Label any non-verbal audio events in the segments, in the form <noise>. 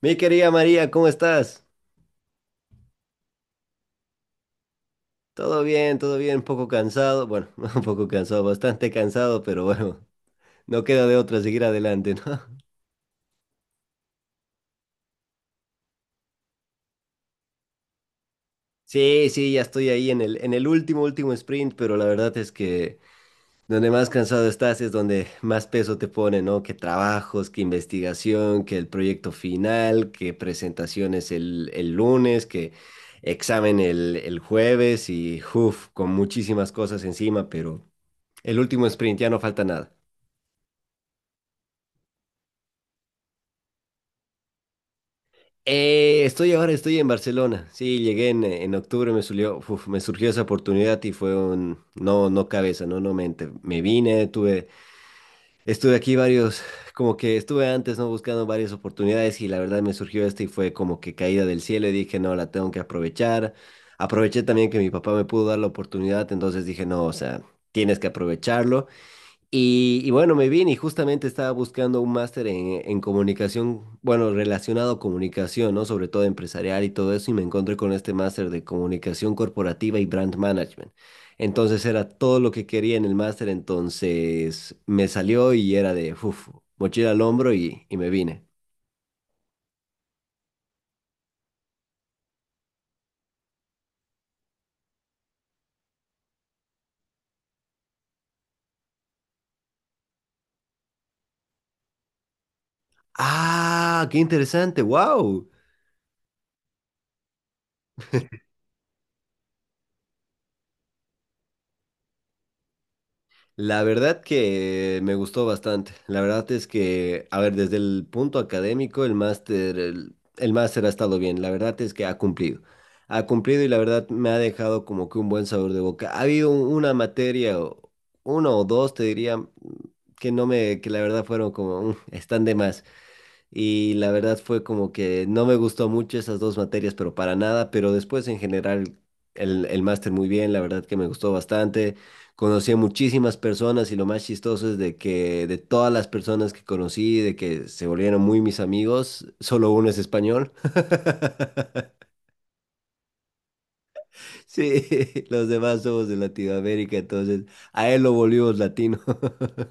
Mi querida María, ¿cómo estás? Todo bien, un poco cansado, bueno, <laughs> un poco cansado, bastante cansado, pero bueno, no queda de otra seguir adelante, ¿no? <laughs> Sí, sí, ya estoy ahí en el último, último sprint, pero la verdad es que donde más cansado estás es donde más peso te pone, ¿no? Que trabajos, que investigación, que el proyecto final, que presentaciones el lunes, que examen el jueves y, uff, con muchísimas cosas encima, pero el último sprint, ya no falta nada. Estoy ahora, estoy en Barcelona. Sí, llegué en octubre, me surgió, uf, me surgió esa oportunidad y fue un no cabeza, no mente. Me vine, tuve, estuve aquí varios, como que estuve antes, ¿no? Buscando varias oportunidades y la verdad me surgió esta y fue como que caída del cielo y dije, no, la tengo que aprovechar. Aproveché también que mi papá me pudo dar la oportunidad, entonces dije, no, o sea, tienes que aprovecharlo. Y bueno, me vine y justamente estaba buscando un máster en comunicación, bueno, relacionado a comunicación, ¿no? Sobre todo empresarial y todo eso, y me encontré con este máster de comunicación corporativa y brand management. Entonces era todo lo que quería en el máster, entonces me salió y era de, uf, mochila al hombro y me vine. Ah, qué interesante, wow. La verdad que me gustó bastante. La verdad es que, a ver, desde el punto académico, el máster, el máster ha estado bien. La verdad es que ha cumplido. Ha cumplido y la verdad me ha dejado como que un buen sabor de boca. Ha habido una materia, uno o dos, te diría, que no me, que la verdad fueron como, "Mm, están de más". Y la verdad fue como que no me gustó mucho esas dos materias, pero para nada, pero después en general el máster muy bien, la verdad que me gustó bastante. Conocí a muchísimas personas y lo más chistoso es de que de todas las personas que conocí, de que se volvieron muy mis amigos, solo uno es español. <laughs> Sí, <laughs> los demás somos de Latinoamérica, entonces a él lo volvimos latino. <laughs>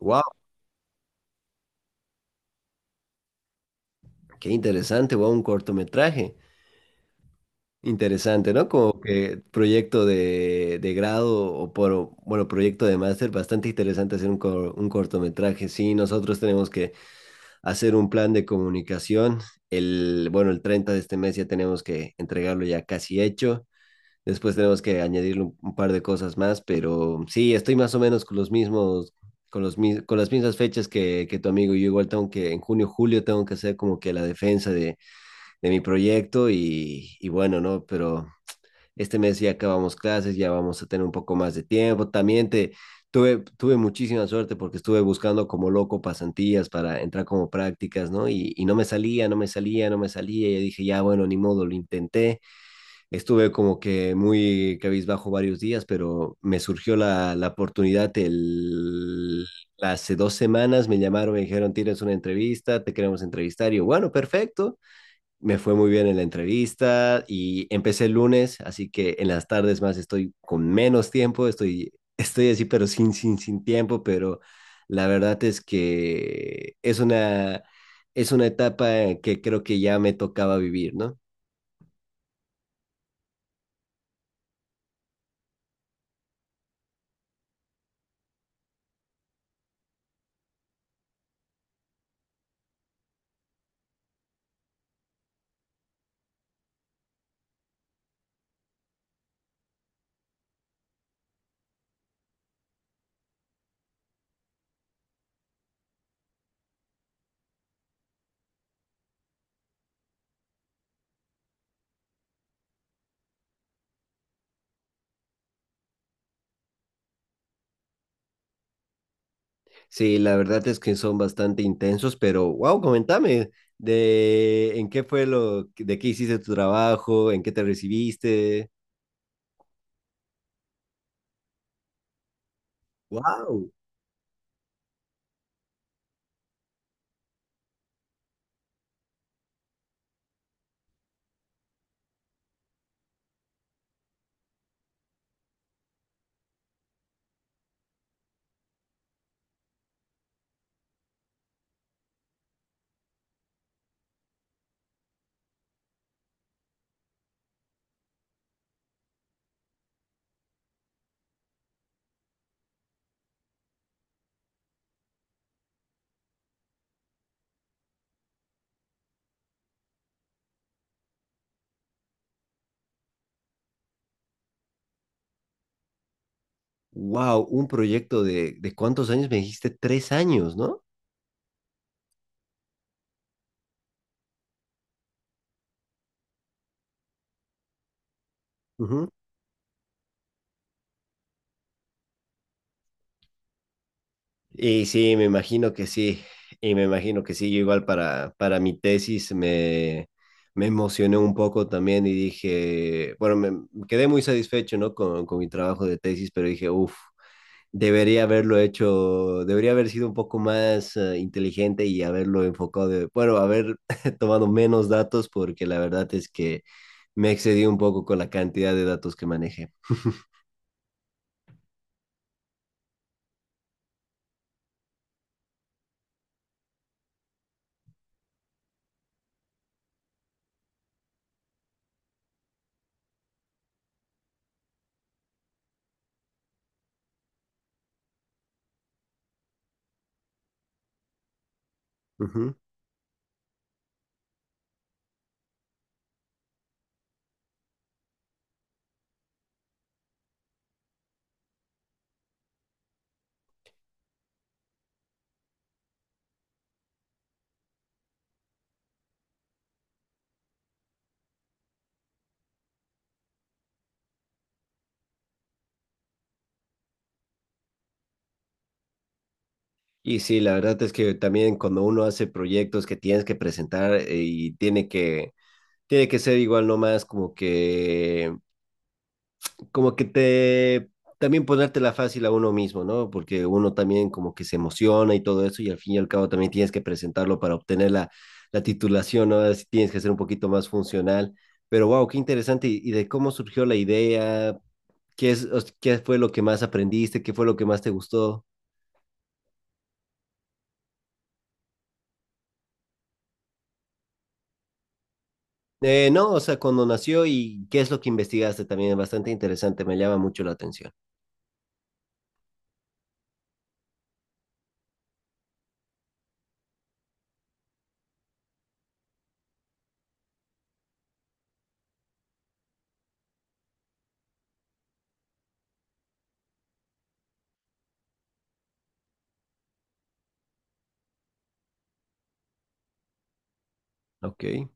Wow, qué interesante, wow, un cortometraje. Interesante, ¿no? Como que proyecto de grado bueno, proyecto de máster, bastante interesante hacer un cortometraje. Sí, nosotros tenemos que hacer un plan de comunicación. El, bueno, el 30 de este mes ya tenemos que entregarlo ya casi hecho. Después tenemos que añadirle un par de cosas más, pero sí, estoy más o menos con los mismos, con las mismas fechas que tu amigo. Yo igual tengo que, en junio, julio, tengo que hacer como que la defensa de mi proyecto y bueno, ¿no? Pero este mes ya acabamos clases, ya vamos a tener un poco más de tiempo. También tuve muchísima suerte porque estuve buscando como loco pasantías para entrar como prácticas, ¿no? Y no me salía, no me salía, no me salía. Y dije, ya, bueno, ni modo, lo intenté. Estuve como que muy cabizbajo varios días, pero me surgió la oportunidad el... Hace 2 semanas me llamaron, me dijeron, tienes una entrevista, te queremos entrevistar. Y yo, bueno, perfecto, me fue muy bien en la entrevista y empecé el lunes, así que en las tardes más estoy con menos tiempo, estoy, estoy así, pero sin, sin, sin tiempo, pero la verdad es que es una etapa que creo que ya me tocaba vivir, ¿no? Sí, la verdad es que son bastante intensos, pero wow, comentame de en qué fue lo, de qué hiciste tu trabajo, en qué te recibiste. Wow, wow, un proyecto de cuántos años me dijiste, 3 años, ¿no? Ujú. Y sí, me imagino que sí, y me imagino que sí, yo igual para mi tesis me emocioné un poco también y dije, bueno, me quedé muy satisfecho, ¿no? Con mi trabajo de tesis, pero dije, uff, debería haberlo hecho, debería haber sido un poco más inteligente y haberlo enfocado, de, bueno, haber <laughs> tomado menos datos porque la verdad es que me excedí un poco con la cantidad de datos que manejé. Ujú. Y sí, la verdad es que también cuando uno hace proyectos que tienes que presentar y tiene que ser igual nomás como que te, también ponértela fácil a uno mismo, ¿no? Porque uno también como que se emociona y todo eso y al fin y al cabo también tienes que presentarlo para obtener la titulación, ¿no? Así tienes que ser un poquito más funcional. Pero wow, qué interesante. Y de cómo surgió la idea? ¿Qué es, o sea, qué fue lo que más aprendiste? ¿Qué fue lo que más te gustó? No, o sea, cuando nació y qué es lo que investigaste también es bastante interesante, me llama mucho la atención. Ok.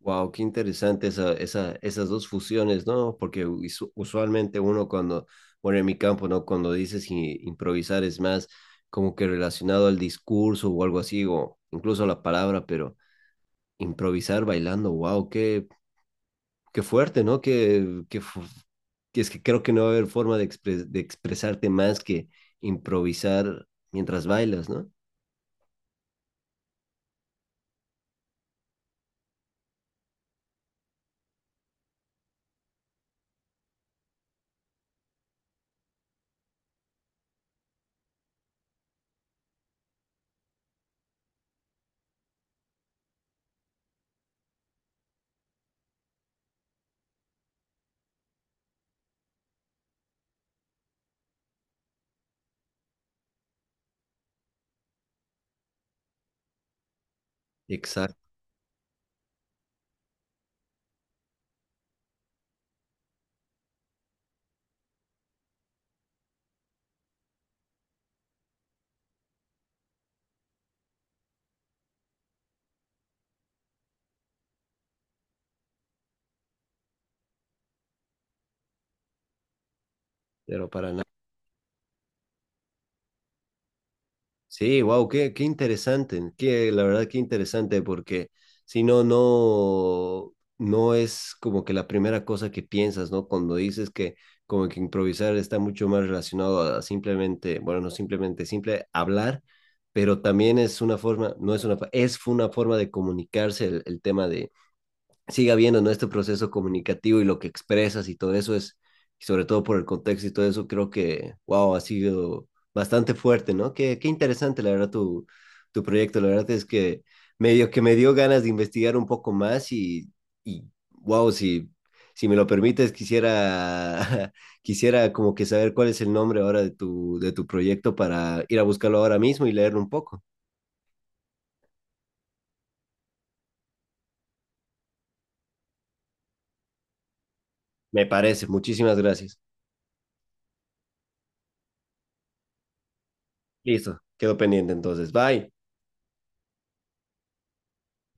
Wow, qué interesante esas dos fusiones, ¿no? Porque usualmente uno cuando, bueno, en mi campo, ¿no? Cuando dices improvisar es más como que relacionado al discurso o algo así, o incluso a la palabra, pero improvisar bailando, wow, qué fuerte, ¿no? Que es que creo que no va a haber forma de expresarte más que improvisar mientras bailas, ¿no? Exacto, pero para nada. Sí, wow, qué interesante, la verdad qué interesante, porque si no es como que la primera cosa que piensas, ¿no? Cuando dices que como que improvisar está mucho más relacionado a simplemente, bueno, no simple hablar, pero también es una forma, no es una forma de comunicarse el tema de, siga viendo, ¿no? Este proceso comunicativo y lo que expresas y todo eso es, y sobre todo por el contexto y todo eso, creo que, wow, ha sido bastante fuerte, ¿no? Qué, qué interesante, la verdad, tu proyecto. La verdad es que medio que me dio ganas de investigar un poco más y wow, si me lo permites, quisiera, <laughs> quisiera como que saber cuál es el nombre ahora de tu, proyecto para ir a buscarlo ahora mismo y leerlo un poco. Me parece, muchísimas gracias. Listo, quedo pendiente entonces. Bye.